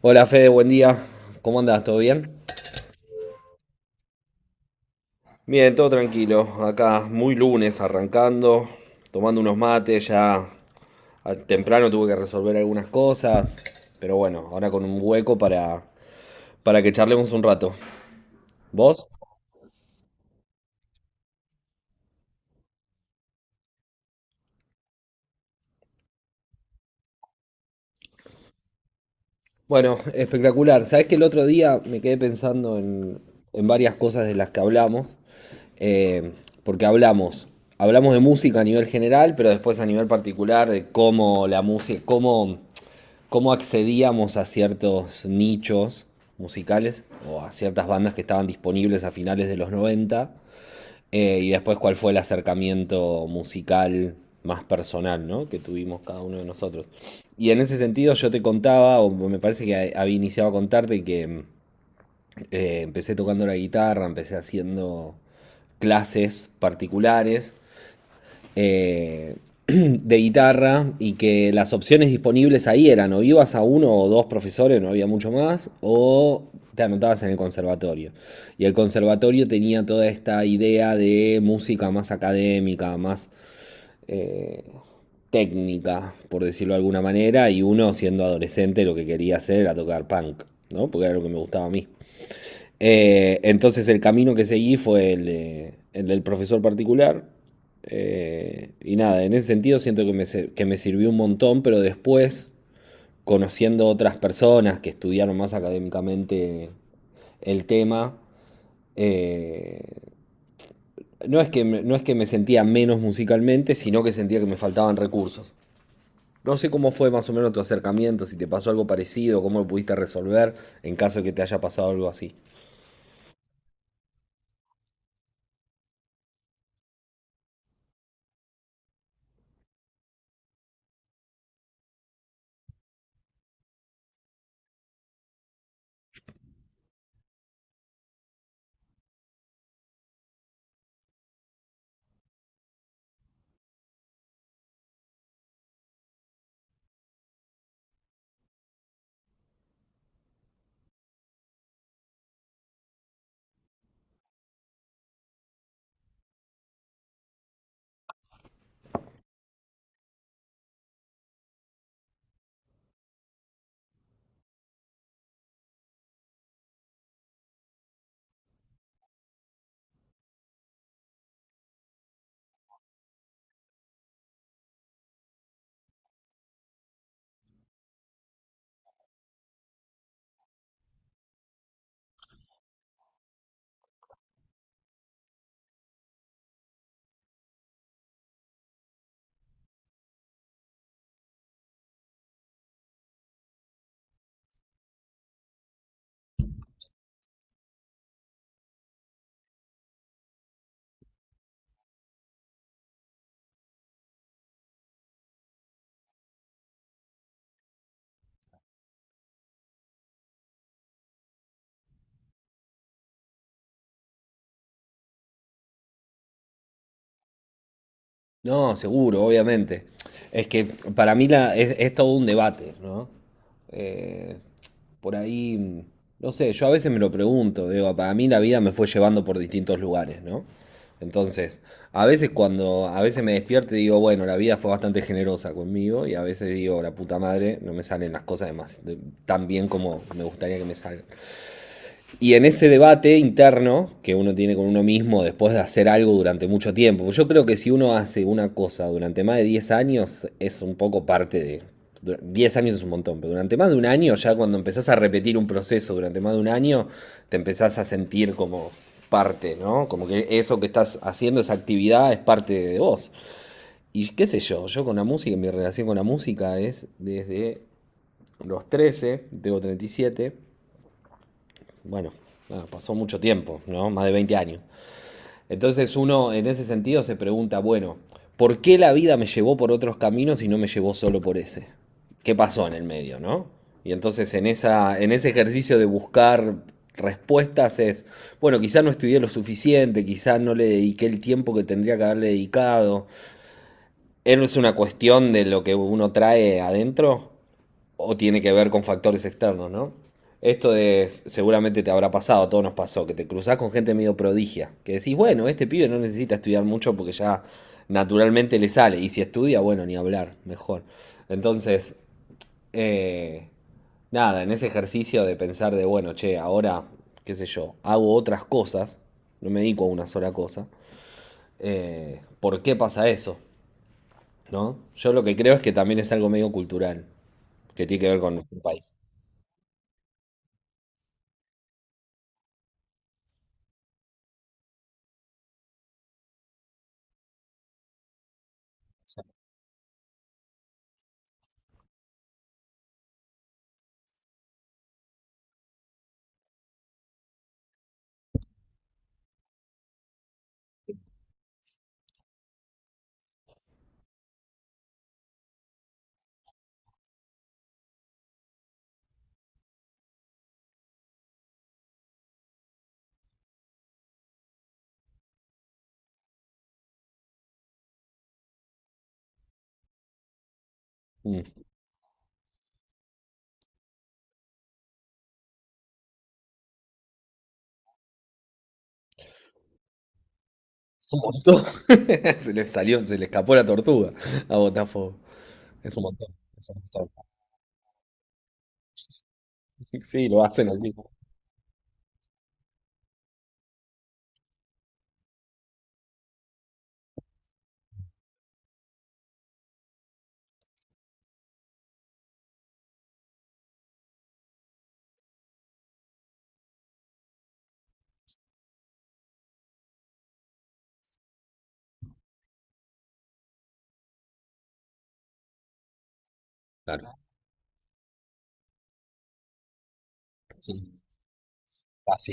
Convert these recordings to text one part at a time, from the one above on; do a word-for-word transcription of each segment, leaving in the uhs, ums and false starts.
Hola Fede, buen día. ¿Cómo andás? ¿Todo bien? Bien, todo tranquilo. Acá muy lunes arrancando, tomando unos mates, ya temprano tuve que resolver algunas cosas, pero bueno, ahora con un hueco para, para que charlemos un rato. ¿Vos? Bueno, espectacular. Sabés que el otro día me quedé pensando en, en varias cosas de las que hablamos, eh, porque hablamos, hablamos de música a nivel general, pero después a nivel particular de cómo la música, cómo cómo accedíamos a ciertos nichos musicales o a ciertas bandas que estaban disponibles a finales de los noventa, eh, y después cuál fue el acercamiento musical más personal, ¿no?, que tuvimos cada uno de nosotros. Y en ese sentido yo te contaba, o me parece que había iniciado a contarte que, eh, empecé tocando la guitarra, empecé haciendo clases particulares, eh, de guitarra, y que las opciones disponibles ahí eran o ibas a uno o dos profesores, no había mucho más, o te anotabas en el conservatorio. Y el conservatorio tenía toda esta idea de música más académica, más, eh, técnica, por decirlo de alguna manera, y uno siendo adolescente lo que quería hacer era tocar punk, ¿no? Porque era lo que me gustaba a mí. Eh, entonces el camino que seguí fue el, de- el del profesor particular. Eh, y nada, en ese sentido siento que me, ser- que me sirvió un montón, pero después, conociendo otras personas que estudiaron más académicamente el tema, eh, no es que me, no es que me sentía menos musicalmente, sino que sentía que me faltaban recursos. No sé cómo fue más o menos tu acercamiento, si te pasó algo parecido, cómo lo pudiste resolver en caso de que te haya pasado algo así. No, seguro, obviamente. Es que para mí la, es, es todo un debate, ¿no? Eh, por ahí, mm, no sé, yo a veces me lo pregunto, digo, para mí la vida me fue llevando por distintos lugares, ¿no? Entonces, a veces cuando, a veces me despierto y digo, bueno, la vida fue bastante generosa conmigo, y a veces digo, la puta madre, no me salen las cosas de más- de- tan bien como me gustaría que me salgan. Y en ese debate interno que uno tiene con uno mismo después de hacer algo durante mucho tiempo, pues yo creo que si uno hace una cosa durante más de diez años, es un poco parte de. Diez años es un montón, pero durante más de un año, ya cuando empezás a repetir un proceso durante más de un año, te empezás a sentir como parte, ¿no? Como que eso que estás haciendo, esa actividad, es parte de vos. Y qué sé yo, yo con la música, mi relación con la música es desde los trece, tengo treinta y siete, bueno, pasó mucho tiempo, ¿no? Más de veinte años. Entonces uno en ese sentido se pregunta, bueno, ¿por qué la vida me llevó por otros caminos y no me llevó solo por ese? ¿Qué pasó en el medio, no? Y entonces en, esa, en ese ejercicio de buscar respuestas es, bueno, quizá no estudié lo suficiente, quizá no le dediqué el tiempo que tendría que haberle dedicado. ¿Es una cuestión de lo que uno trae adentro? ¿O tiene que ver con factores externos, no? Esto de, seguramente te habrá pasado, a todos nos pasó, que te cruzás con gente medio prodigia, que decís, bueno, este pibe no necesita estudiar mucho porque ya naturalmente le sale, y si estudia, bueno, ni hablar, mejor. Entonces, eh, nada, en ese ejercicio de pensar de, bueno, che, ahora, qué sé yo, hago otras cosas, no me dedico a una sola cosa, eh, ¿por qué pasa eso?, ¿no? Yo lo que creo es que también es algo medio cultural, que tiene que ver con nuestro país. Mm. Es un montón. Se le salió, se le escapó la tortuga a Botafogo. Es un montón, es un montón. Sí, lo hacen así. Claro, sí. Así.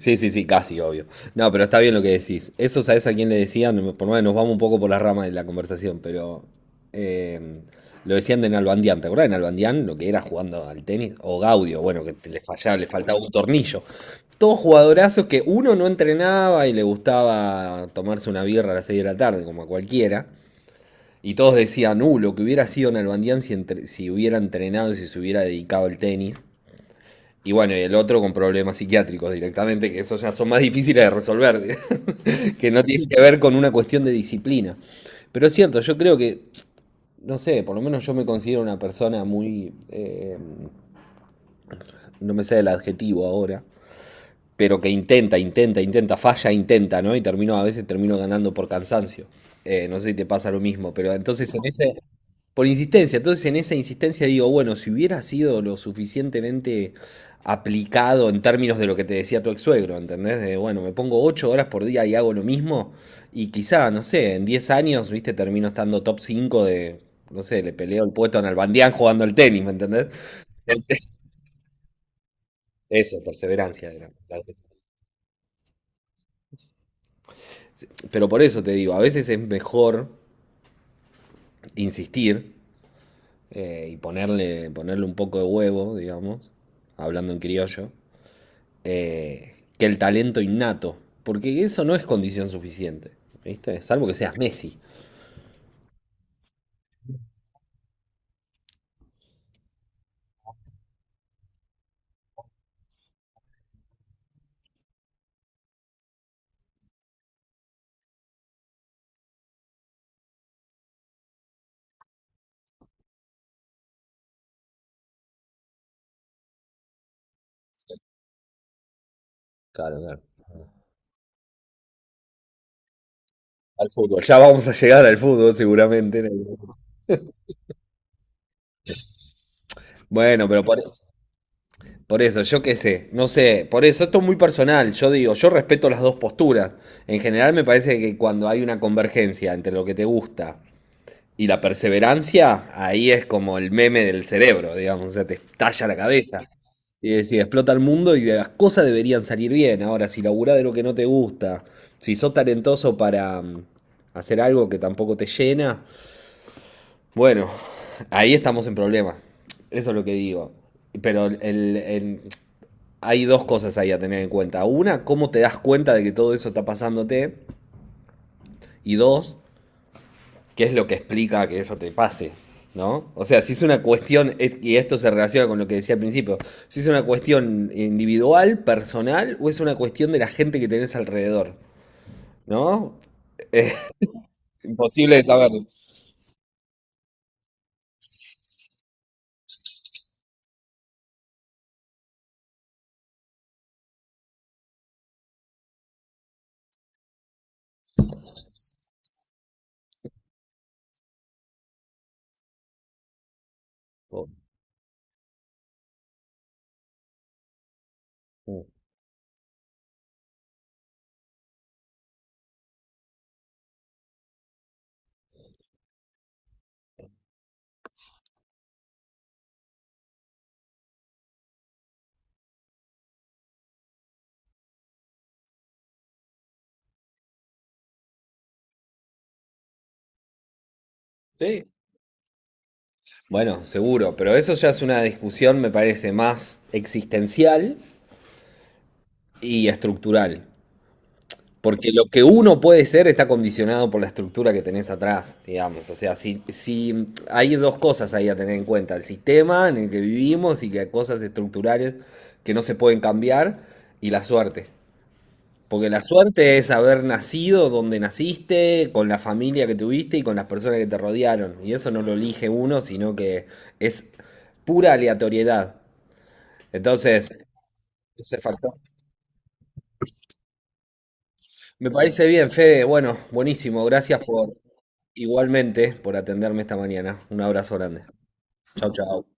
Sí, sí, sí, casi, obvio. No, pero está bien lo que decís. Eso sabes a quién le decían, por lo menos nos vamos un poco por las ramas de la conversación, pero, eh, lo decían de Nalbandián, ¿te acordás de Nalbandián? Lo que era jugando al tenis, o Gaudio, bueno, que te- le fallaba, le faltaba un tornillo. Todos jugadorazos que uno no entrenaba y le gustaba tomarse una birra a las seis de la tarde, como a cualquiera. Y todos decían, uh, lo que hubiera sido Nalbandián si, entre- si hubiera entrenado y si se hubiera dedicado al tenis. Y bueno, y el otro con problemas psiquiátricos directamente, que esos ya son más difíciles de resolver, que no tienen que ver con una cuestión de disciplina. Pero es cierto, yo creo que, no sé, por lo menos yo me considero una persona muy, eh, no me sé el adjetivo ahora, pero que intenta, intenta, intenta, falla, intenta, ¿no? Y termino, a veces termino ganando por cansancio. Eh, no sé si te pasa lo mismo, pero entonces en ese, por insistencia, entonces en esa insistencia digo, bueno, si hubiera sido lo suficientemente aplicado en términos de lo que te decía tu ex suegro, ¿entendés? De, bueno, me pongo ocho horas por día y hago lo mismo y quizá, no sé, en diez años, viste, termino estando top cinco de, no sé, le peleo el puesto en Albandián jugando al tenis, ¿me entendés? Eso, perseverancia, era, pero por eso te digo, a veces es mejor insistir, eh, y ponerle, ponerle un poco de huevo, digamos, hablando en criollo, eh, que el talento innato. Porque eso no es condición suficiente, ¿viste? Salvo que seas Messi. Al fútbol. Ya vamos a llegar al fútbol seguramente. Bueno, pero por, eso- por eso, yo qué sé, no sé, por eso esto es muy personal. Yo digo, yo respeto las dos posturas. En general me parece que cuando hay una convergencia entre lo que te gusta y la perseverancia, ahí es como el meme del cerebro, digamos, o sea, te estalla la cabeza. Y decís, explota el mundo y de las cosas deberían salir bien. Ahora, si laburás de lo que no te gusta, si sos talentoso para mm, hacer algo que tampoco te llena, bueno, ahí estamos en problemas. Eso es lo que digo. Pero el- el- hay dos cosas ahí a tener en cuenta. Una, cómo te das cuenta de que todo eso está pasándote. Y dos, qué es lo que explica que eso te pase, ¿no? O sea, si es una cuestión, y esto se relaciona con lo que decía al principio, si es una cuestión individual, personal, o es una cuestión de la gente que tenés alrededor, ¿no? Es imposible de saberlo. Oh, oh. Sí. Bueno, seguro, pero eso ya es una discusión, me parece, más existencial y estructural. Porque lo que uno puede ser está condicionado por la estructura que tenés atrás, digamos. O sea, si, si hay dos cosas ahí a tener en cuenta, el sistema en el que vivimos y que hay cosas estructurales que no se pueden cambiar, y la suerte. Porque la suerte es haber nacido donde naciste, con la familia que tuviste y con las personas que te rodearon. Y eso no lo elige uno, sino que es pura aleatoriedad. Entonces, ese factor. Me parece bien, Fede. Bueno, buenísimo. Gracias por. Igualmente por atenderme esta mañana. Un abrazo grande. Chau, chau.